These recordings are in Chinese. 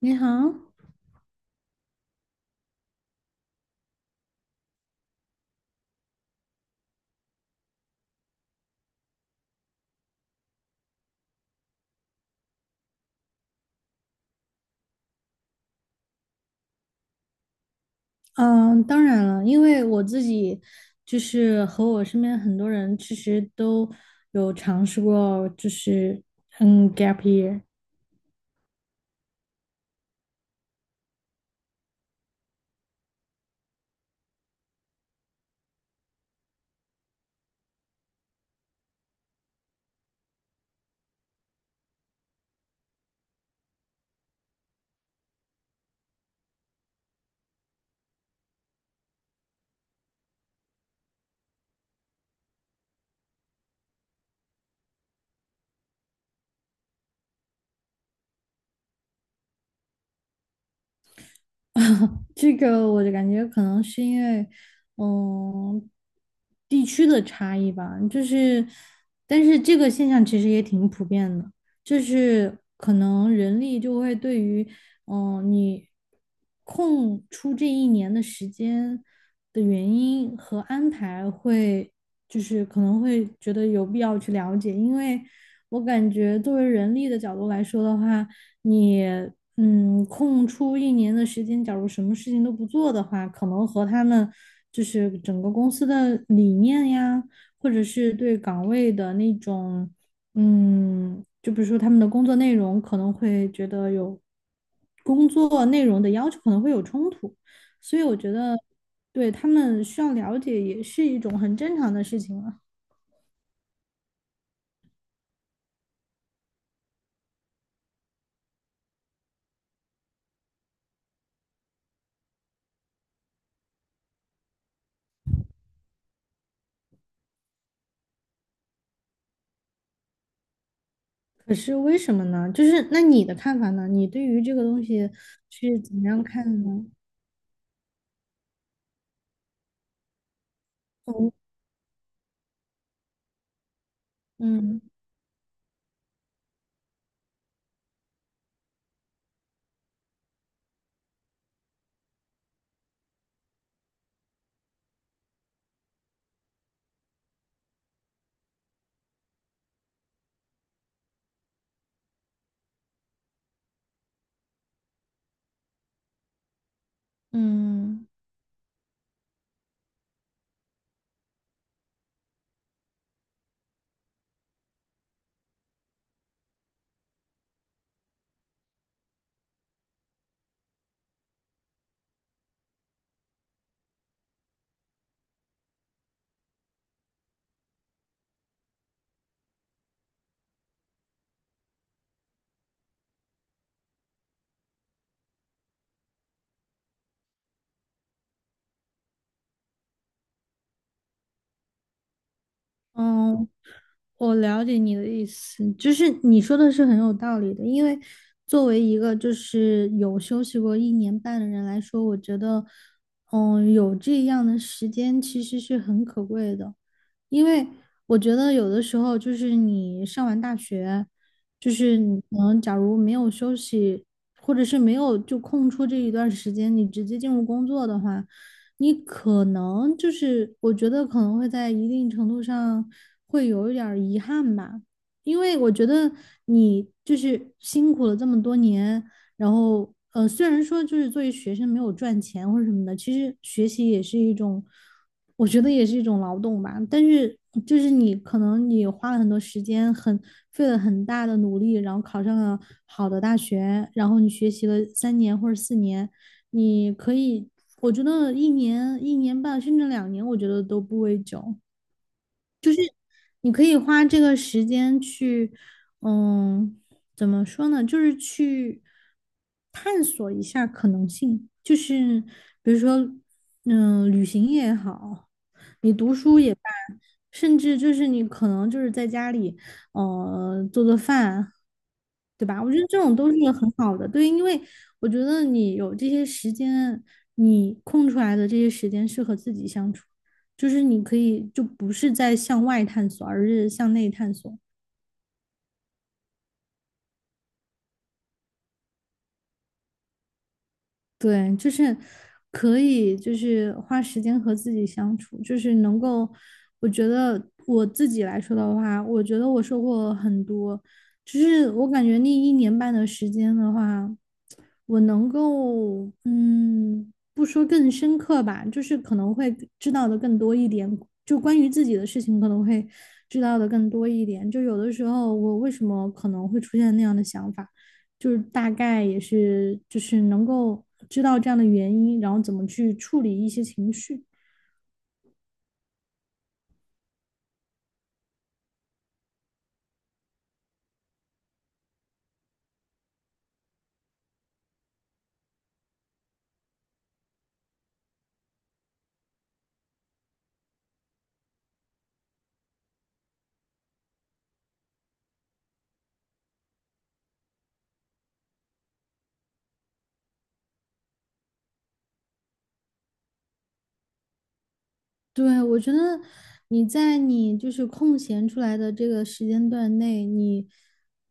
你好。嗯，当然了，因为我自己就是,和我身边很多人其实都有尝试过，就是 gap year。这个我就感觉可能是因为，嗯，地区的差异吧。但是这个现象其实也挺普遍的，就是可能人力就会对于，你空出这一年的时间的原因和安排会，就是可能会觉得有必要去了解。因为我感觉作为人力的角度来说的话，你空出一年的时间，假如什么事情都不做的话，可能和他们就是整个公司的理念呀，或者是对岗位的那种，就比如说他们的工作内容，可能会觉得有工作内容的要求可能会有冲突。所以我觉得对他们需要了解也是一种很正常的事情了。可是为什么呢？就是那你的看法呢？你对于这个东西是怎么样看的呢？嗯嗯嗯嗯,我了解你的意思，就是你说的是很有道理的。因为作为一个就是有休息过一年半的人来说，我觉得，有这样的时间其实是很可贵的。因为我觉得有的时候就是你上完大学，就是你可能假如没有休息，或者是没有就空出这一段时间，你直接进入工作的话，你可能就是我觉得可能会在一定程度上会有一点儿遗憾吧。因为我觉得你就是辛苦了这么多年，然后,虽然说就是作为学生没有赚钱或者什么的，其实学习也是一种，我觉得也是一种劳动吧，但是就是你可能你花了很多时间，费了很大的努力，然后考上了好的大学，然后你学习了3年或者4年。你可以，我觉得1年、1年半甚至2年，我觉得都不为久。你可以花这个时间去，嗯，怎么说呢？就是去探索一下可能性，就是比如说，旅行也好，你读书也罢，甚至就是你可能就是在家里，做做饭，对吧？我觉得这种都是很好的。对，因为我觉得你有这些时间，你空出来的这些时间是和自己相处，就是你可以就不是在向外探索，而是向内探索。对，就是可以，就是花时间和自己相处，就是能够，我觉得我自己来说的话，我觉得我收获很多。就是我感觉那1年半的时间的话，我能够，不说更深刻吧，就是可能会知道的更多一点，就关于自己的事情可能会知道的更多一点，就有的时候我为什么可能会出现那样的想法，就是大概也是就是能够知道这样的原因，然后怎么去处理一些情绪。对，我觉得你在你就是空闲出来的这个时间段内，你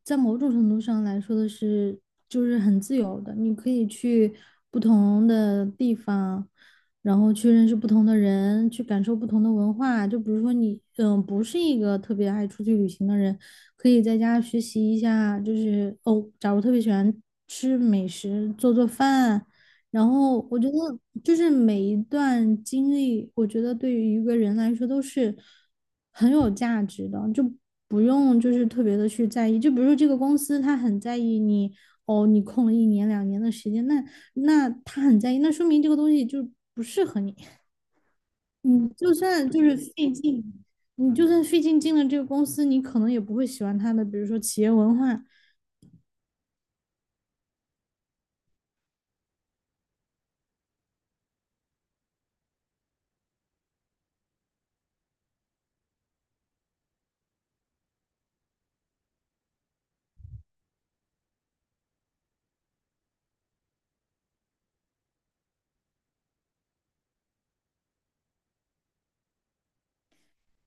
在某种程度上来说的是，就是很自由的，你可以去不同的地方，然后去认识不同的人，去感受不同的文化。就比如说你，不是一个特别爱出去旅行的人，可以在家学习一下，就是哦，假如特别喜欢吃美食，做做饭。然后我觉得，就是每一段经历，我觉得对于一个人来说都是很有价值的，就不用就是特别的去在意。就比如说这个公司，他很在意你，哦，你空了1年2年的时间，那他很在意，那说明这个东西就不适合你。你就算就是费劲，你就算费劲进了这个公司，你可能也不会喜欢他的，比如说企业文化。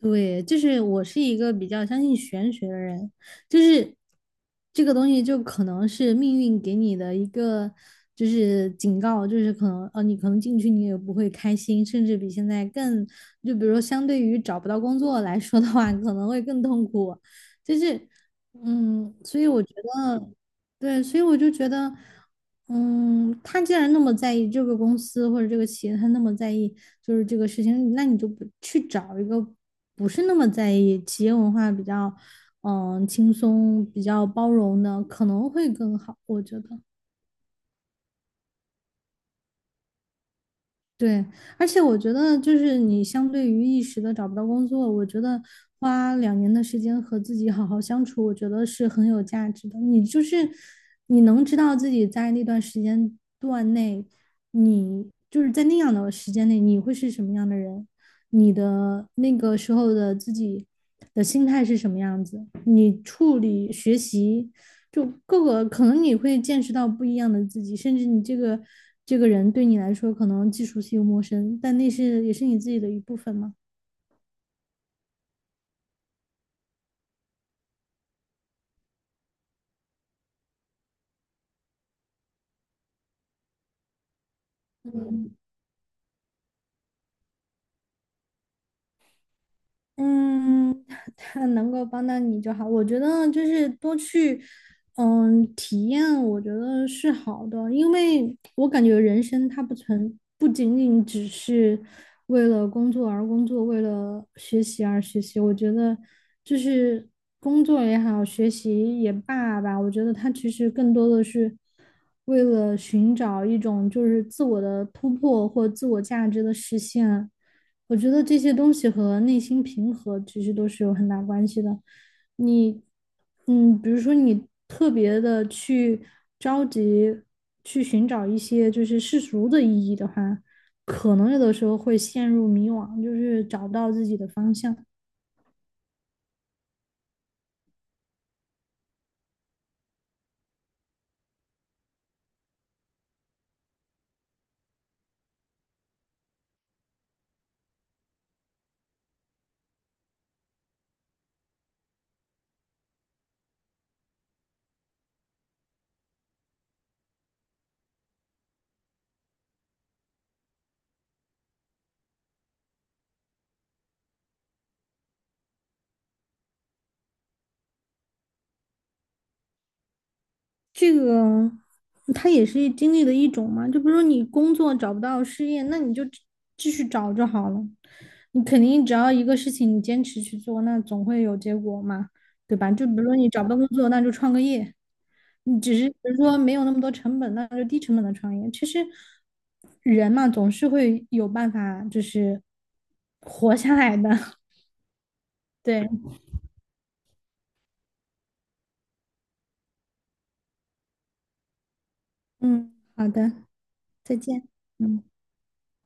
对，就是我是一个比较相信玄学的人，就是这个东西就可能是命运给你的一个就是警告，就是可能你可能进去你也不会开心，甚至比现在更，就比如说相对于找不到工作来说的话，可能会更痛苦，就是,所以我觉得对，所以我就觉得。他既然那么在意这个公司或者这个企业，他那么在意就是这个事情，那你就不去找一个不是那么在意企业文化比较，轻松、比较包容的，可能会更好，我觉得。对，而且我觉得，就是你相对于一时的找不到工作，我觉得花两年的时间和自己好好相处，我觉得是很有价值的。你就是你能知道自己在那段时间段内，你就是在那样的时间内，你会是什么样的人。你的那个时候的自己的心态是什么样子，你处理学习就各个可能你会见识到不一样的自己，甚至你这个人对你来说可能既熟悉又陌生，但那是也是你自己的一部分嘛。嗯。嗯，他能够帮到你就好。我觉得就是多去，体验，我觉得是好的。因为我感觉人生它不存，不仅仅只是为了工作而工作，为了学习而学习。我觉得就是工作也好，学习也罢吧，我觉得它其实更多的是为了寻找一种就是自我的突破或自我价值的实现。我觉得这些东西和内心平和其实都是有很大关系的。你，比如说你特别的去着急去寻找一些就是世俗的意义的话，可能有的时候会陷入迷惘，就是找不到自己的方向。这个它也是经历的一种嘛，就比如说你工作找不到失业，那你就继续找就好了。你肯定只要一个事情你坚持去做，那总会有结果嘛，对吧？就比如说你找不到工作，那就创个业，你只是比如说没有那么多成本，那就低成本的创业。其实人嘛，总是会有办法，就是活下来的。对。嗯，好的。再见。嗯。